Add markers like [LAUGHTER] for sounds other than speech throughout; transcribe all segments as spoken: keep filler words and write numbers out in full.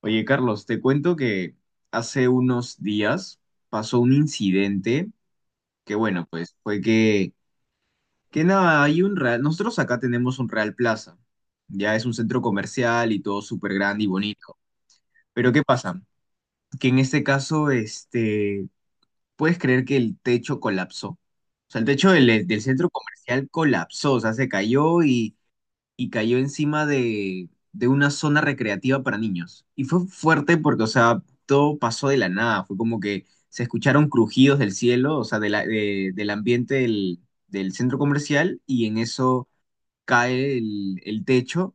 Oye, Carlos, te cuento que hace unos días pasó un incidente que, bueno, pues fue que, que nada, hay un Real, nosotros acá tenemos un Real Plaza, ya es un centro comercial y todo súper grande y bonito, pero ¿qué pasa? Que en este caso, este, puedes creer que el techo colapsó, o sea, el techo del, del centro comercial colapsó, o sea, se cayó y y cayó encima de, de una zona recreativa para niños. Y fue fuerte porque, o sea, todo pasó de la nada. Fue como que se escucharon crujidos del cielo, o sea, de la- de- del ambiente del, del centro comercial, y en eso cae el, el techo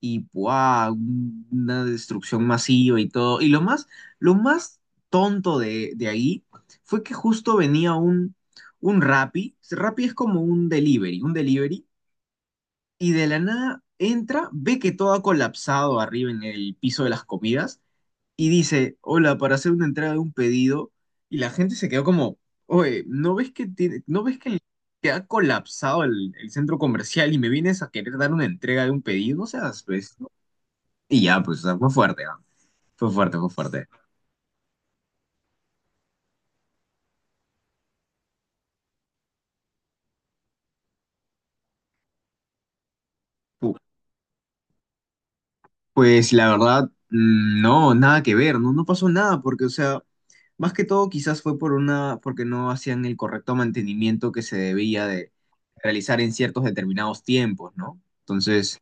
y ¡buah! un- una destrucción masiva y todo. Y lo más, lo más tonto de, de ahí fue que justo venía un, un Rappi. Rappi es como un delivery, un delivery y de la nada entra, ve que todo ha colapsado arriba en el piso de las comidas y dice, hola, para hacer una entrega de un pedido. Y la gente se quedó como, oye, ¿no ves que tiene, no ves que, el- que ha colapsado el, el centro comercial y me vienes a querer dar una entrega de un pedido? No seas, pues, ¿no? Y ya, pues, o sea, fue fuerte, ah. Fue fuerte, fue fuerte. Uh. Pues la verdad, mm, no, nada que ver, no, no pasó nada, porque, o sea, más que todo quizás fue por una, porque no hacían el correcto mantenimiento que se debía de realizar en ciertos determinados tiempos, ¿no? Entonces,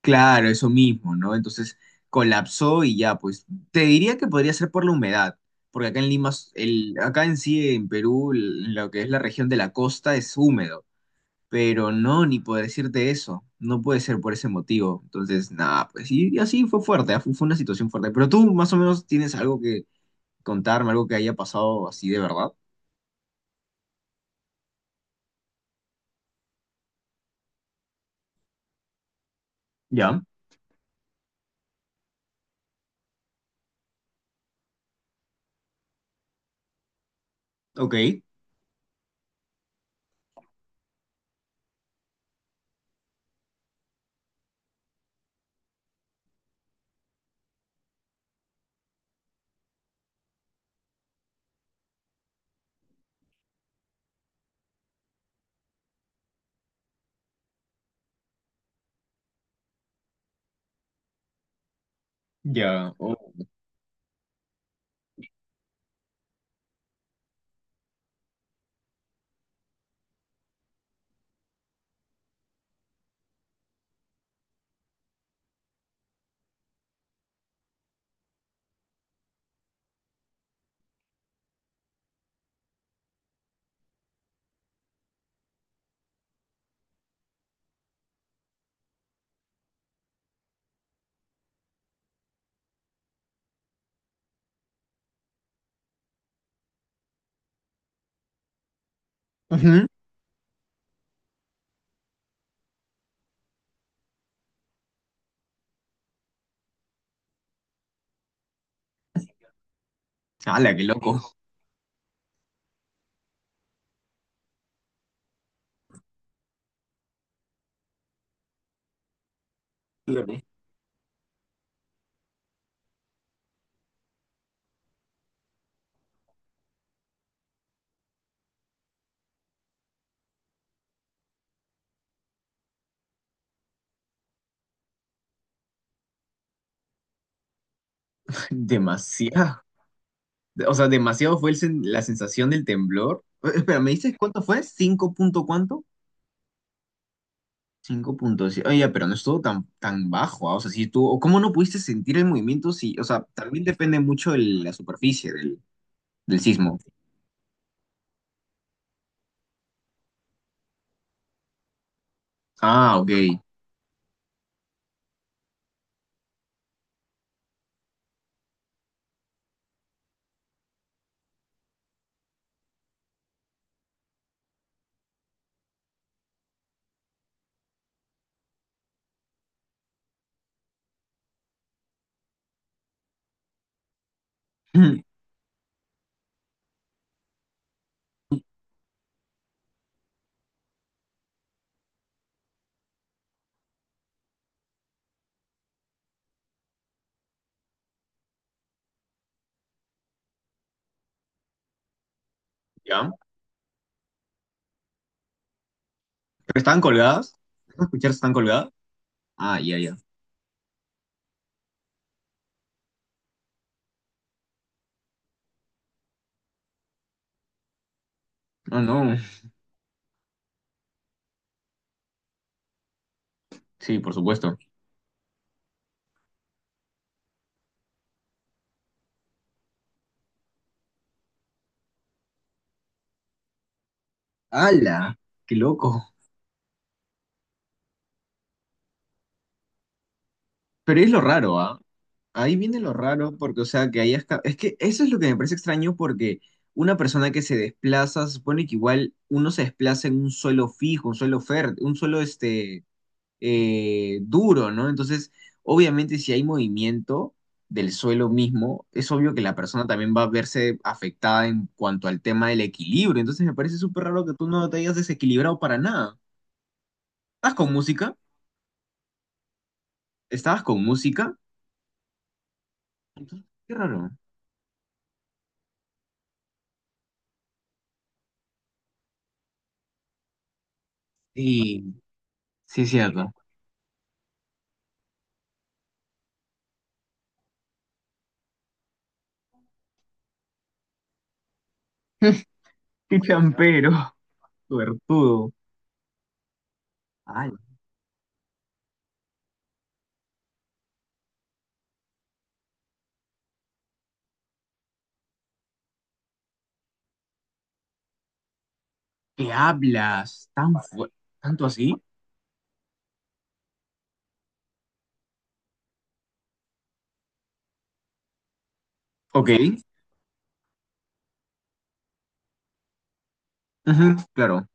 claro, eso mismo, ¿no? Entonces colapsó y ya, pues, te diría que podría ser por la humedad, porque acá en Lima, el, acá en sí, en Perú, l- lo que es la región de la costa es húmedo. Pero no, ni por decirte eso. No puede ser por ese motivo. Entonces, nada, pues y, y así fue fuerte, ah. Fue, fue una situación fuerte. Pero tú más o menos tienes algo que contarme, algo que haya pasado así de verdad. Ya, ok, ya. Oh. Ujú. ¡Hala, qué loco! Dígame. [LAUGHS] Demasiado. O sea, demasiado fue el sen- la sensación del temblor. Eh, Espera, ¿me dices cuánto fue? ¿Cinco punto cuánto? Cinco puntos. Oye, pero no estuvo tan, tan bajo, ah. O sea, si tú, o ¿cómo no pudiste sentir el movimiento? Si, o sea, también depende mucho de la superficie del, del sismo. Ah, ok. [CLEARS THROAT] Mm. ¿Ya? ¿Pero están colgadas? ¿Puedo escuchar si están colgadas? Ah, ya, ya. No, no. Sí, por supuesto. ¡Hala! ¡Qué loco! Pero es lo raro, ¿ah? Ahí viene lo raro porque, o sea, que hayas... ca- Es que eso es lo que me parece extraño porque una persona que se desplaza, se supone que igual uno se desplaza en un suelo fijo, un suelo fértil, un suelo, este, eh, duro, ¿no? Entonces, obviamente si hay movimiento del suelo mismo, es obvio que la persona también va a verse afectada en cuanto al tema del equilibrio. Entonces, me parece súper raro que tú no te hayas desequilibrado para nada. ¿Estás con música? ¿Estabas con música? Entonces, qué raro. Sí, sí es cierto. Qué champero, [LAUGHS] suertudo. Ay, ¿qué hablas? ¿Tan fu- Tanto así? Ok. Ujú, claro.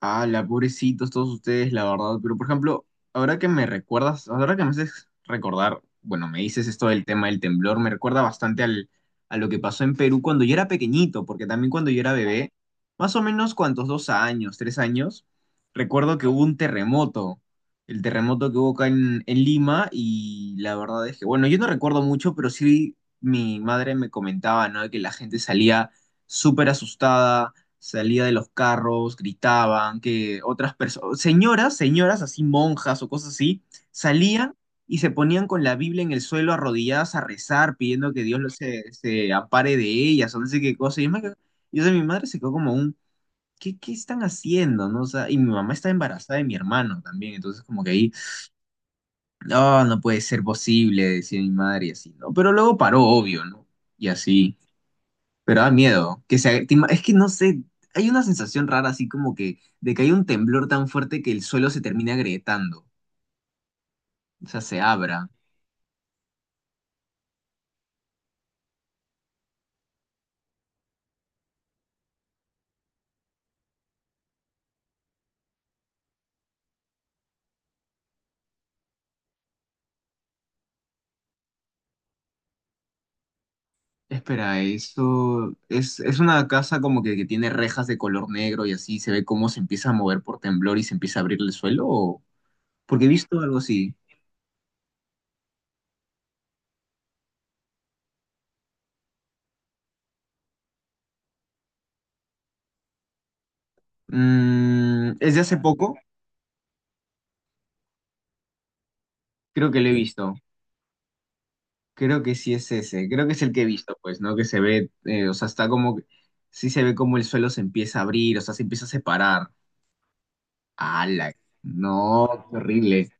Ah, la pobrecitos todos ustedes, la verdad. Pero, por ejemplo, ahora que me recuerdas, ahora que me haces recordar, bueno, me dices esto del tema del temblor, me recuerda bastante al, a lo que pasó en Perú cuando yo era pequeñito, porque también cuando yo era bebé, más o menos cuántos dos años, tres años, recuerdo que hubo un terremoto, el terremoto que hubo acá en, en Lima, y la verdad es que, bueno, yo no recuerdo mucho, pero sí mi madre me comentaba, ¿no? De que la gente salía súper asustada, salía de los carros, gritaban, que otras personas, señoras, señoras así, monjas o cosas así, salían y se ponían con la Biblia en el suelo arrodilladas a rezar, pidiendo que Dios los- se, se ampare de ellas o no sé qué cosa. Y yo, me quedo- y, o sea, mi madre se quedó como un, ¿qué, qué están haciendo?, ¿no? O sea, y mi mamá está embarazada de mi hermano también, entonces como que ahí, no, no puede ser posible, decía mi madre y así, ¿no? Pero luego paró, obvio, ¿no? Y así. Pero da miedo. Que se, te ima- es que no sé, hay una sensación rara así como que de que hay un temblor tan fuerte que el suelo se termina agrietando. O sea, se abra. Espera, eso es, es una casa como que, que tiene rejas de color negro y así se ve cómo se empieza a mover por temblor y se empieza a abrir el suelo. ¿O? Porque he visto algo así. Mm, es de hace poco, creo que lo he visto. Creo que sí es ese. Creo que es el que he visto, pues, ¿no? Que se ve, eh, o sea, está como, que- sí se ve como el suelo se empieza a abrir, o sea, se empieza a separar. ¡Hala! No, qué horrible.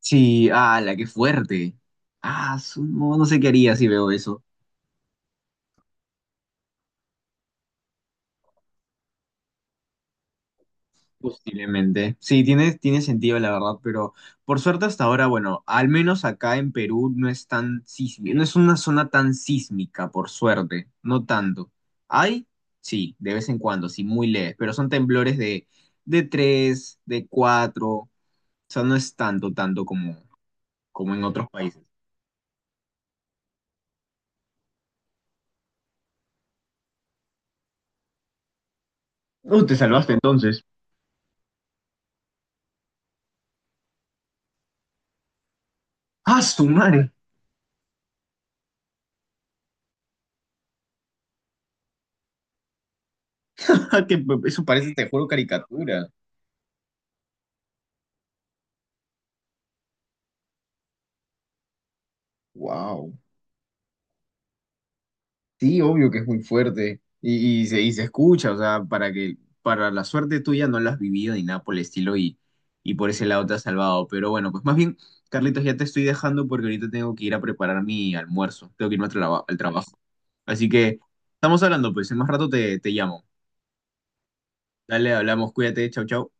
Sí, ¡hala! ¡Qué fuerte! Ah, su- no, no sé qué haría si veo eso. Posiblemente. Sí, tiene, tiene sentido, la verdad, pero por suerte hasta ahora, bueno, al menos acá en Perú no es tan sísmica, no es una zona tan sísmica, por suerte, no tanto. Hay, sí, de vez en cuando, sí, muy leves, pero son temblores de, de tres de cuatro, o sea, no es tanto, tanto como, como en otros países. No, te salvaste entonces. ¡Ah, su madre! [LAUGHS] Que eso parece, te juro, caricatura. Wow. Sí, obvio que es muy fuerte. Y, y se, y se escucha, o sea, para que, para la suerte tuya no lo has vivido ni nada por el estilo y, y por ese lado te has salvado. Pero bueno, pues más bien, Carlitos, ya te estoy dejando porque ahorita tengo que ir a preparar mi almuerzo. Tengo que irme al, traba- al trabajo. Así que estamos hablando, pues en más rato te, te llamo. Dale, hablamos, cuídate, chau, chau.